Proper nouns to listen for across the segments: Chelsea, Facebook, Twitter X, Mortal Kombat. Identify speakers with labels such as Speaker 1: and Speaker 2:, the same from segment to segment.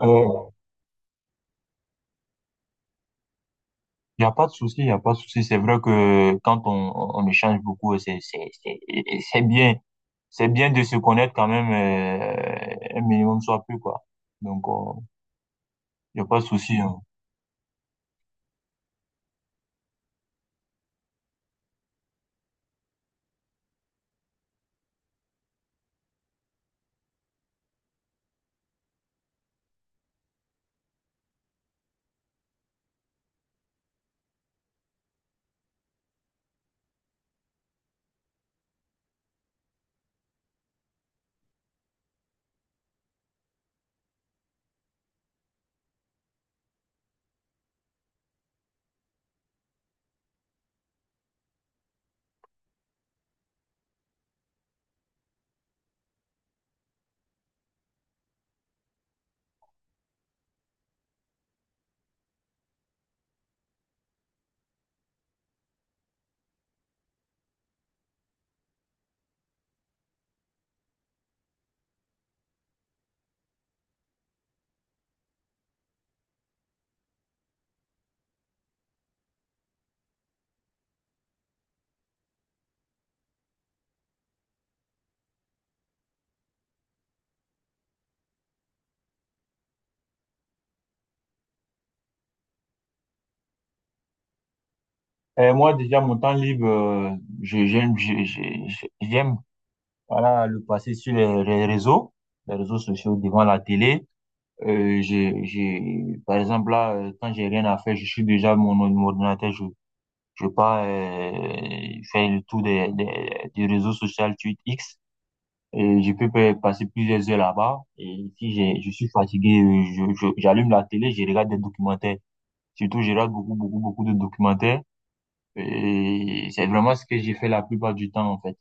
Speaker 1: Il n'y a pas de souci, il n'y a pas de souci. C'est vrai que quand on échange beaucoup, c'est bien. C'est bien de se connaître quand même un minimum, soit plus, quoi. Donc, il n'y a pas de souci, hein. Et moi, déjà, mon temps libre, je- j'aime, voilà, le passer sur les réseaux sociaux devant la télé. J'ai, par exemple, là, quand j'ai rien à faire, je suis déjà mon ordinateur, je sais pas, faire le tour des réseaux sociaux Twitter X. Et je peux passer plusieurs heures là-bas. Et si j'ai, je suis fatigué, j'allume la télé, je regarde des documentaires. Surtout, je regarde beaucoup, beaucoup, beaucoup de documentaires. Et c'est vraiment ce que j'ai fait la plupart du temps, en fait.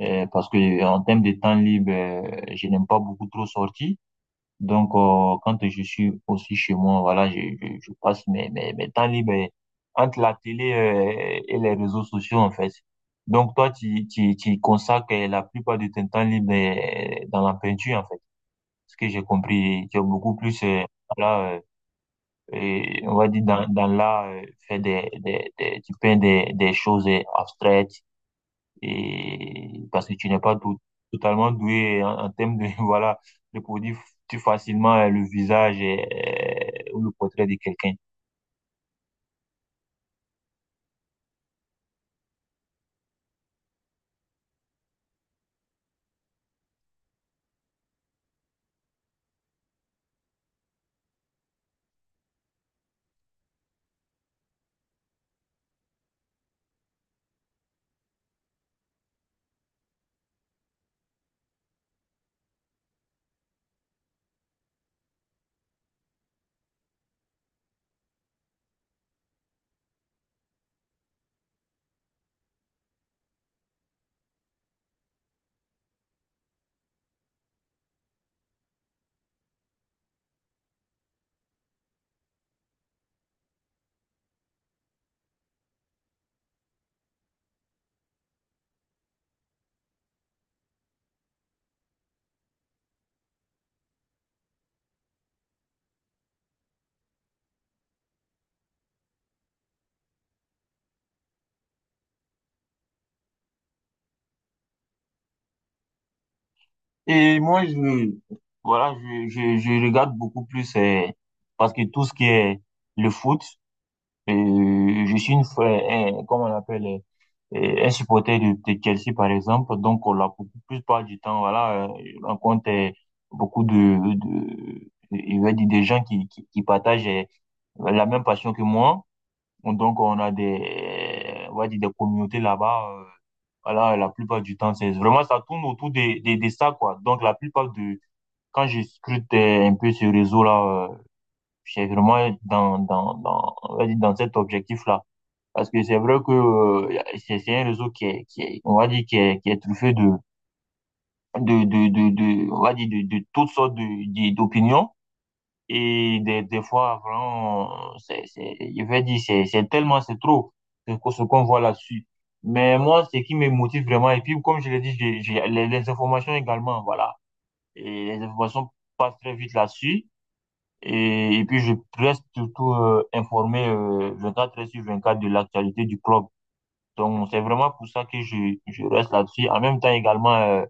Speaker 1: Parce que en termes de temps libre, je n'aime pas beaucoup trop sortir. Donc, quand je suis aussi chez moi, voilà, je passe mes temps libres entre la télé, et les réseaux sociaux, en fait. Donc, toi, tu consacres la plupart de ton temps libre dans la peinture, en fait. Ce que j'ai compris, tu es beaucoup plus, voilà, et on va dire dans l'art, faire tu peins des choses abstraites, et parce que tu n'es pas tout- totalement doué en termes de voilà de produire plus facilement le visage et- ou le portrait de quelqu'un. Et moi, je voilà, je regarde beaucoup plus parce que tout ce qui est le foot. Je suis une fois, un- comment on appelle, un supporter de Chelsea, par exemple. Donc, on a beaucoup plus pas du temps. Voilà, on compte beaucoup il va dire, des gens qui partagent la même passion que moi. Donc, on a des, eh, on va dire, des communautés là-bas. Euh, voilà, la plupart du temps, c'est vraiment, ça tourne autour de ça, quoi. Donc, la plupart de, quand je scrute un peu ce réseau-là, je suis vraiment dans, on va dire, dans cet objectif-là. Parce que c'est vrai que c'est un réseau on va dire, qui est truffé de- on va dire, de toutes sortes de- d'opinions. Et des fois, vraiment, je vais dire, c'est tellement, c'est trop ce qu'on voit là-dessus. Mais moi, ce qui me motive vraiment, et puis comme je l'ai dit, j'ai les informations également, voilà. Et les informations passent très vite là-dessus. Et puis, je reste surtout informé 24 heures sur 24 de l'actualité du club. Donc, c'est vraiment pour ça que je reste là-dessus. En même temps, également,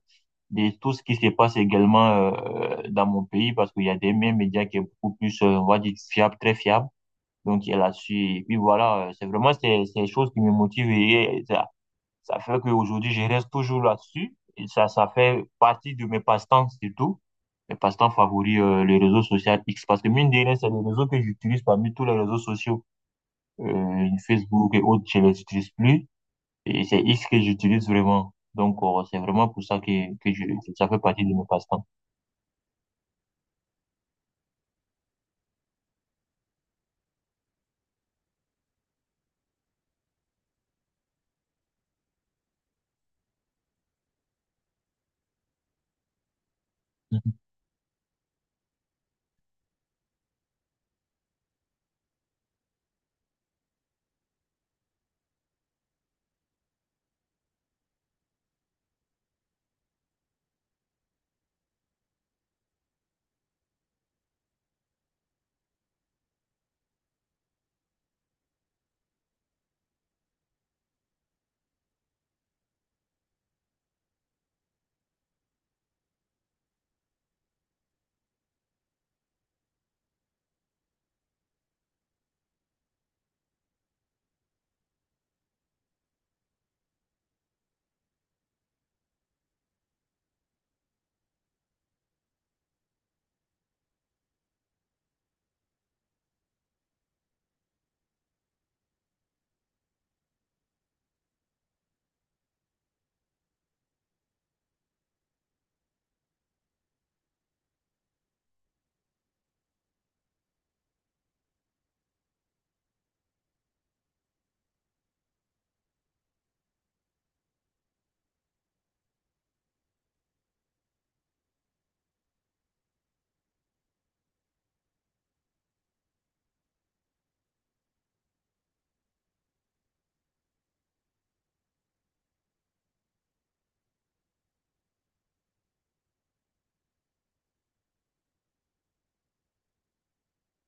Speaker 1: de tout ce qui se passe également dans mon pays, parce qu'il y a des mêmes médias qui est beaucoup plus, on va dire, fiable, très fiable. Donc, il est là-dessus. Et puis voilà, c'est vraiment ces choses qui me motivent, et ça fait qu'aujourd'hui, je reste toujours là-dessus. Et ça fait partie de mes passe-temps, surtout. Mes passe-temps favoris, les réseaux sociaux X. Parce que mine de rien, c'est les réseaux que j'utilise parmi tous les réseaux sociaux. Facebook et autres, je les utilise plus. Et c'est X que j'utilise vraiment. Donc, c'est vraiment pour ça que je, que ça fait partie de mes passe-temps. Mhm.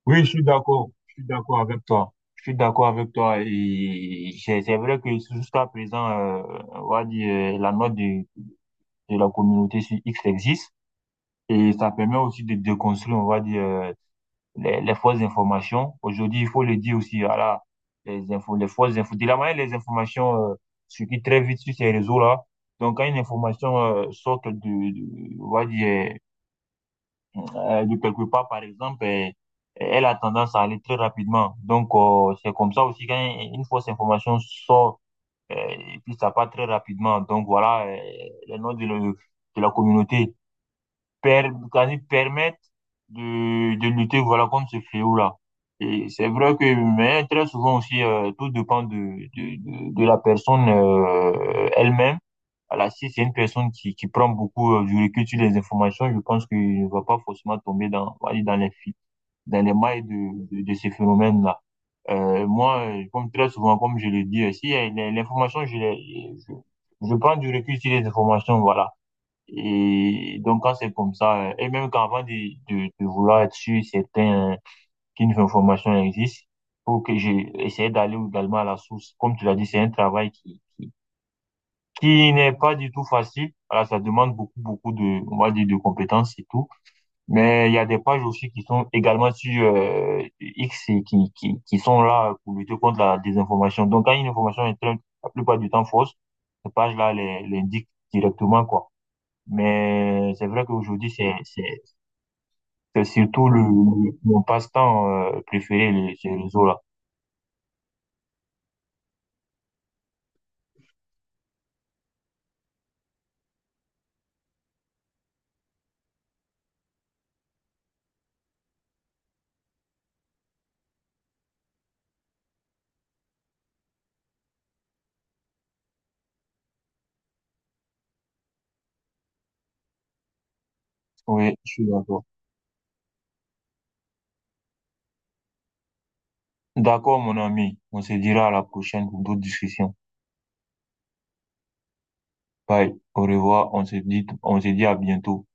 Speaker 1: Oui, je suis d'accord. Je suis d'accord avec toi. Je suis d'accord avec toi. Et c'est vrai que jusqu'à présent, on va dire, la note de la communauté sur X existe. Et ça permet aussi de déconstruire, on va dire, les fausses informations. Aujourd'hui, il faut le dire aussi, voilà, les infos, les fausses infos. De la manière, les informations circulent très vite sur ces réseaux-là. Donc, quand une information sort de- on va dire, de quelque part, par exemple, elle a tendance à aller très rapidement. Donc, c'est comme ça aussi, quand une fausse information sort, et puis ça part très rapidement. Donc, voilà, les noms de, le- de la communauté per- quasi permettent de lutter voilà, contre ce fléau-là. Et c'est vrai que, mais très souvent aussi, tout dépend de la personne elle-même. Voilà, si c'est une personne qui prend beaucoup du recul sur les informations, je pense qu'il ne va pas forcément tomber dans, on va dire, dans les, fi- dans les mailles de ces phénomènes-là. Moi, comme très souvent, comme je le dis aussi, l'information, je, l'ai- je prends du recul sur les informations, voilà. Et donc, quand c'est comme ça, et même qu'avant de vouloir être sûr certain qu'une information existe, faut que j'ai essayé d'aller également à la source. Comme tu l'as dit, c'est un travail qui n'est pas du tout facile. Voilà, ça demande beaucoup, beaucoup de, on va dire, de compétences et tout. Mais il y a des pages aussi qui sont également sur X et qui sont là pour lutter contre la désinformation. Donc, quand une information est très- la plupart du temps fausse, ces pages-là les, l'indiquent directement, quoi. Mais c'est vrai qu'aujourd'hui, c'est surtout le- mon passe-temps préféré, les, ces réseaux-là. Oui, je suis d'accord. D'accord, mon ami. On se dira à la prochaine pour d'autres discussions. Bye. Au revoir. On se dit à bientôt.